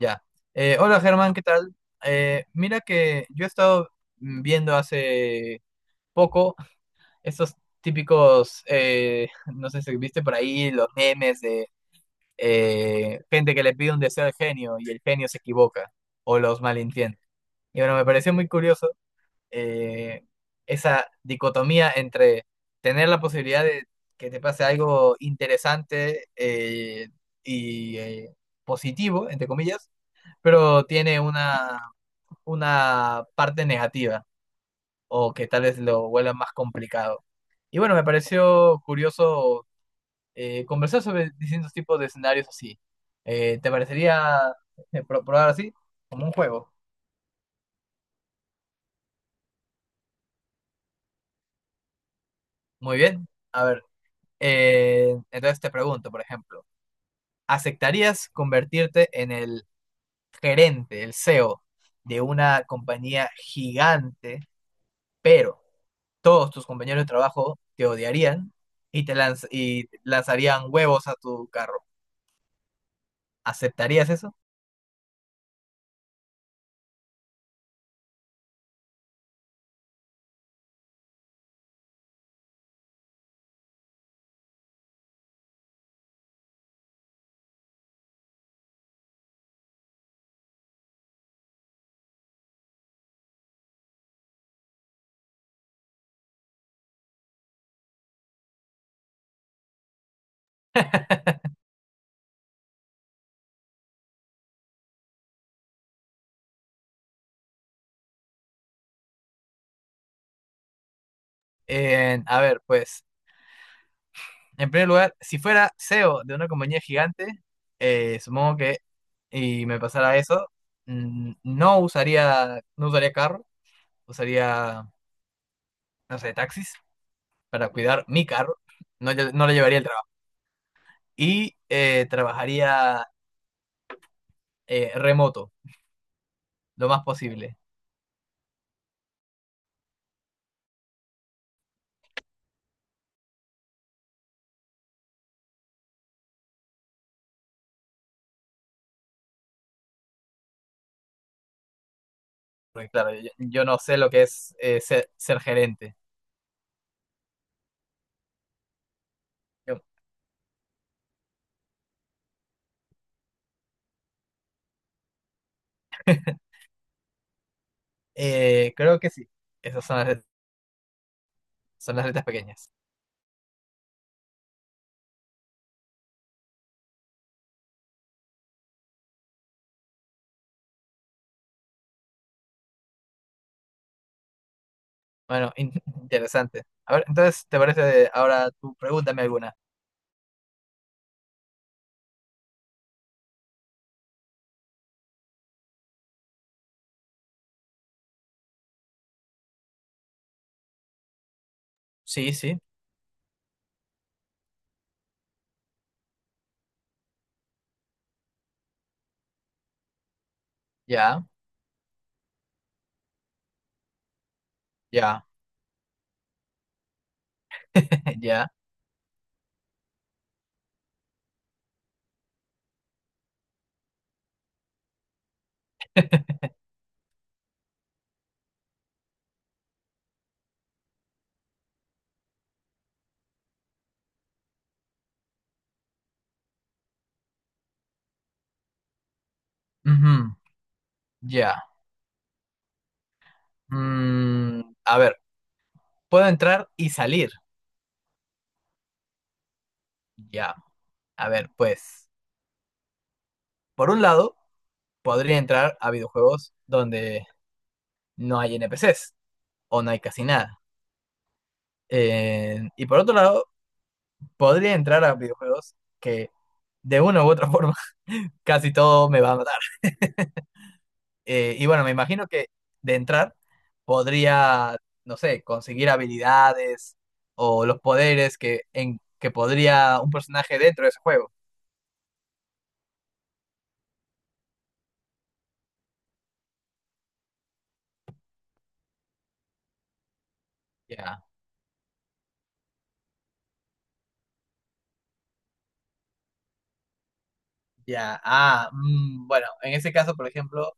Ya. Hola Germán, ¿qué tal? Mira que yo he estado viendo hace poco estos típicos, no sé si viste por ahí, los memes de gente que le pide un deseo al genio y el genio se equivoca o los malentiende. Y bueno, me pareció muy curioso eh, esa dicotomía entre tener la posibilidad de que te pase algo interesante y positivo, entre comillas, pero tiene una parte negativa o que tal vez lo vuelva más complicado. Y bueno, me pareció curioso conversar sobre distintos tipos de escenarios así. Te parecería probar así? Como un juego. Muy bien. A ver, entonces te pregunto, por ejemplo, ¿aceptarías convertirte en el gerente, el CEO de una compañía gigante, pero todos tus compañeros de trabajo te odiarían y y lanzarían huevos a tu carro? ¿Aceptarías eso? A ver, pues, en primer lugar, si fuera CEO de una compañía gigante, supongo que, y me pasara eso, no usaría, no usaría carro, usaría, no sé, taxis para cuidar mi carro, no, no le llevaría el trabajo. Y trabajaría remoto, lo más posible. Porque claro, yo no sé lo que es ser gerente. Yo- creo que sí. Esas son las, son las letras pequeñas. Bueno, interesante. A ver, entonces, ¿te parece ahora tú pregúntame alguna? Sí, sí. Ya, ya, ya. Ujú, ya. Mm, a ver, ¿puedo entrar y salir? Ya. A ver, pues, por un lado, podría entrar a videojuegos donde no hay NPCs o no hay casi nada. Y por otro lado, podría entrar a videojuegos que de una u otra forma casi todo me va a matar. Y bueno, me imagino que de entrar podría, no sé, conseguir habilidades o los poderes que, que podría un personaje dentro de ese juego. Ya, ya. Bueno, en ese caso, por ejemplo, o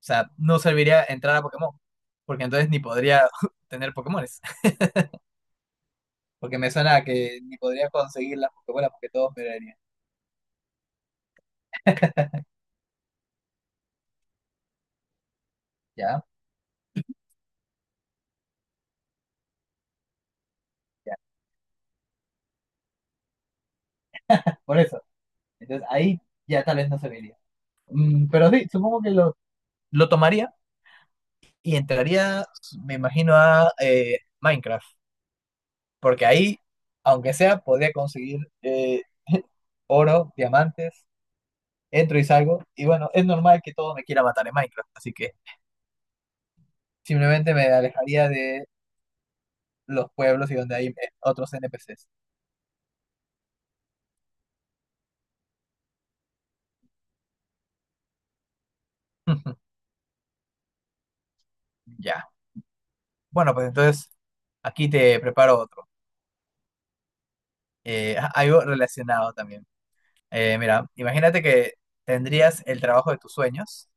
sea, no serviría entrar a Pokémon, porque entonces ni podría tener Pokémones, porque me suena a que ni podría conseguir las Pokébolas porque todos me darían. Ya, ya. Por eso. Entonces ahí ya tal vez no se vería. Mm, pero sí, supongo que lo tomaría y entraría, me imagino, a Minecraft. Porque ahí, aunque sea, podría conseguir oro, diamantes, entro y salgo. Y bueno, es normal que todo me quiera matar en Minecraft. Así que simplemente me alejaría de los pueblos y donde hay otros NPCs. Ya. Bueno, pues entonces aquí te preparo otro. Algo relacionado también. Mira, imagínate que tendrías el trabajo de tus sueños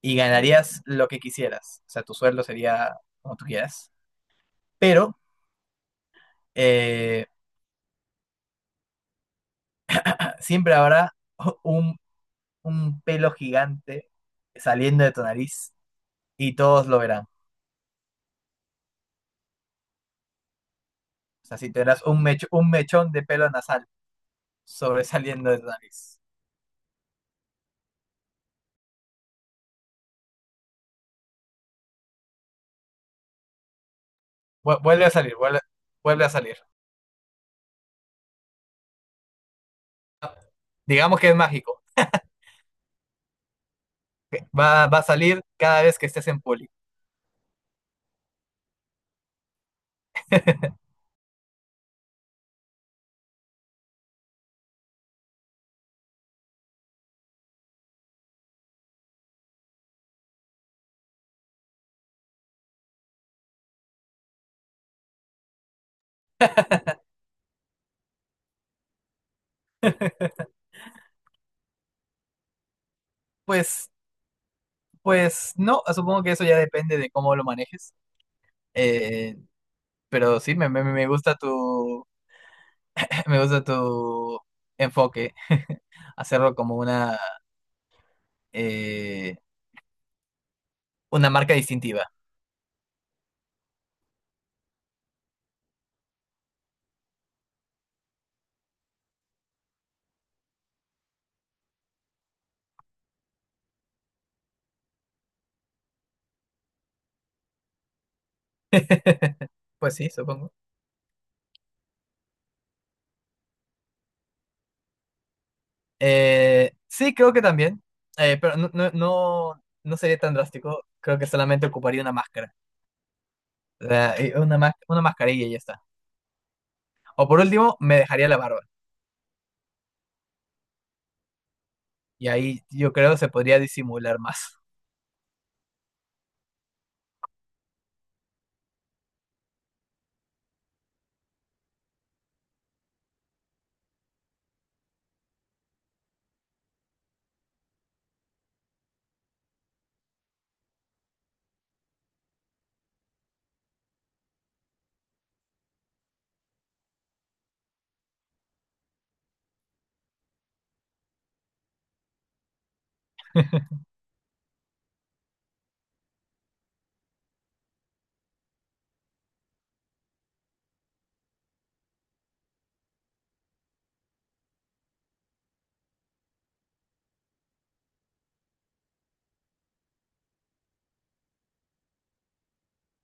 y ganarías lo que quisieras. O sea, tu sueldo sería como tú quieras. Pero eh, siempre habrá un, un pelo gigante saliendo de tu nariz y todos lo verán. O sea, si tendrás un mechón de pelo nasal sobresaliendo de tu nariz. Vuelve a salir, vuelve, vuelve a salir. Digamos que es mágico. Va a salir cada vez que estés en poli. Pues pues no, supongo que eso ya depende de cómo lo manejes. eh, pero sí, me gusta tu, me gusta tu enfoque, hacerlo como eh, una marca distintiva. Pues sí, supongo. Sí, creo que también, pero no, no, no, no sería tan drástico. Creo que solamente ocuparía una máscara. O sea, una mascarilla y ya está. O por último, me dejaría la barba. Y ahí yo creo se podría disimular más.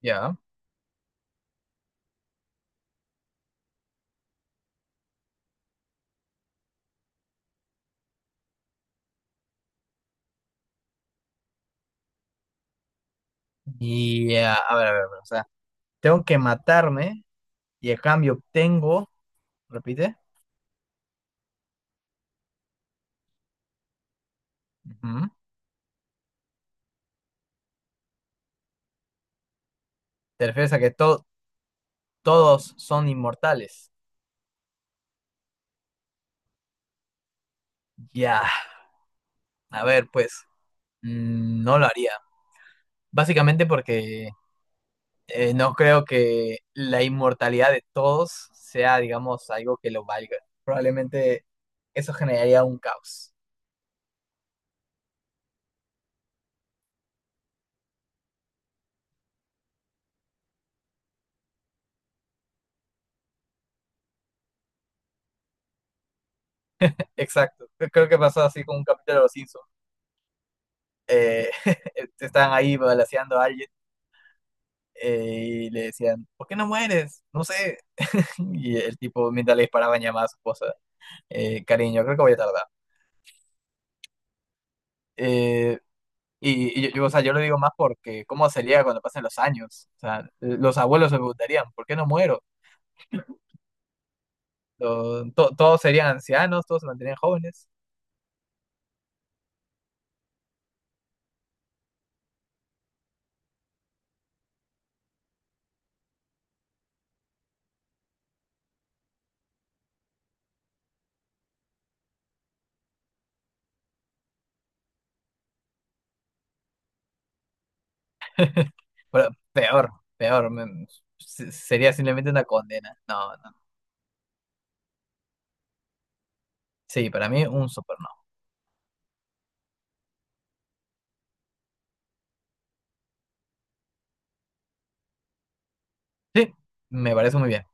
Ya. A ver, a ver, a ver, o sea, tengo que matarme y a cambio obtengo, repite. Ujú. Te refieres a que todos son inmortales. Ya, a ver, pues, mm, no lo haría. Básicamente porque no creo que la inmortalidad de todos sea, digamos, algo que lo valga. Probablemente eso generaría un caos. Exacto, creo que pasó así con un capítulo de los Simpsons. Eh, están ahí balanceando a alguien. Y le decían, ¿por qué no mueres? No sé. Y el tipo, mientras le disparaban, llamaba a su esposa, cariño, creo que voy a tardar. Eh, o sea, yo lo digo más porque ¿cómo sería cuando pasen los años? O sea, los abuelos se preguntarían, ¿por qué no muero? Todos serían ancianos, todos se mantenían jóvenes. Pero peor, peor. Sería simplemente una condena. No, no. Sí, para mí un super no. Sí, me parece muy bien.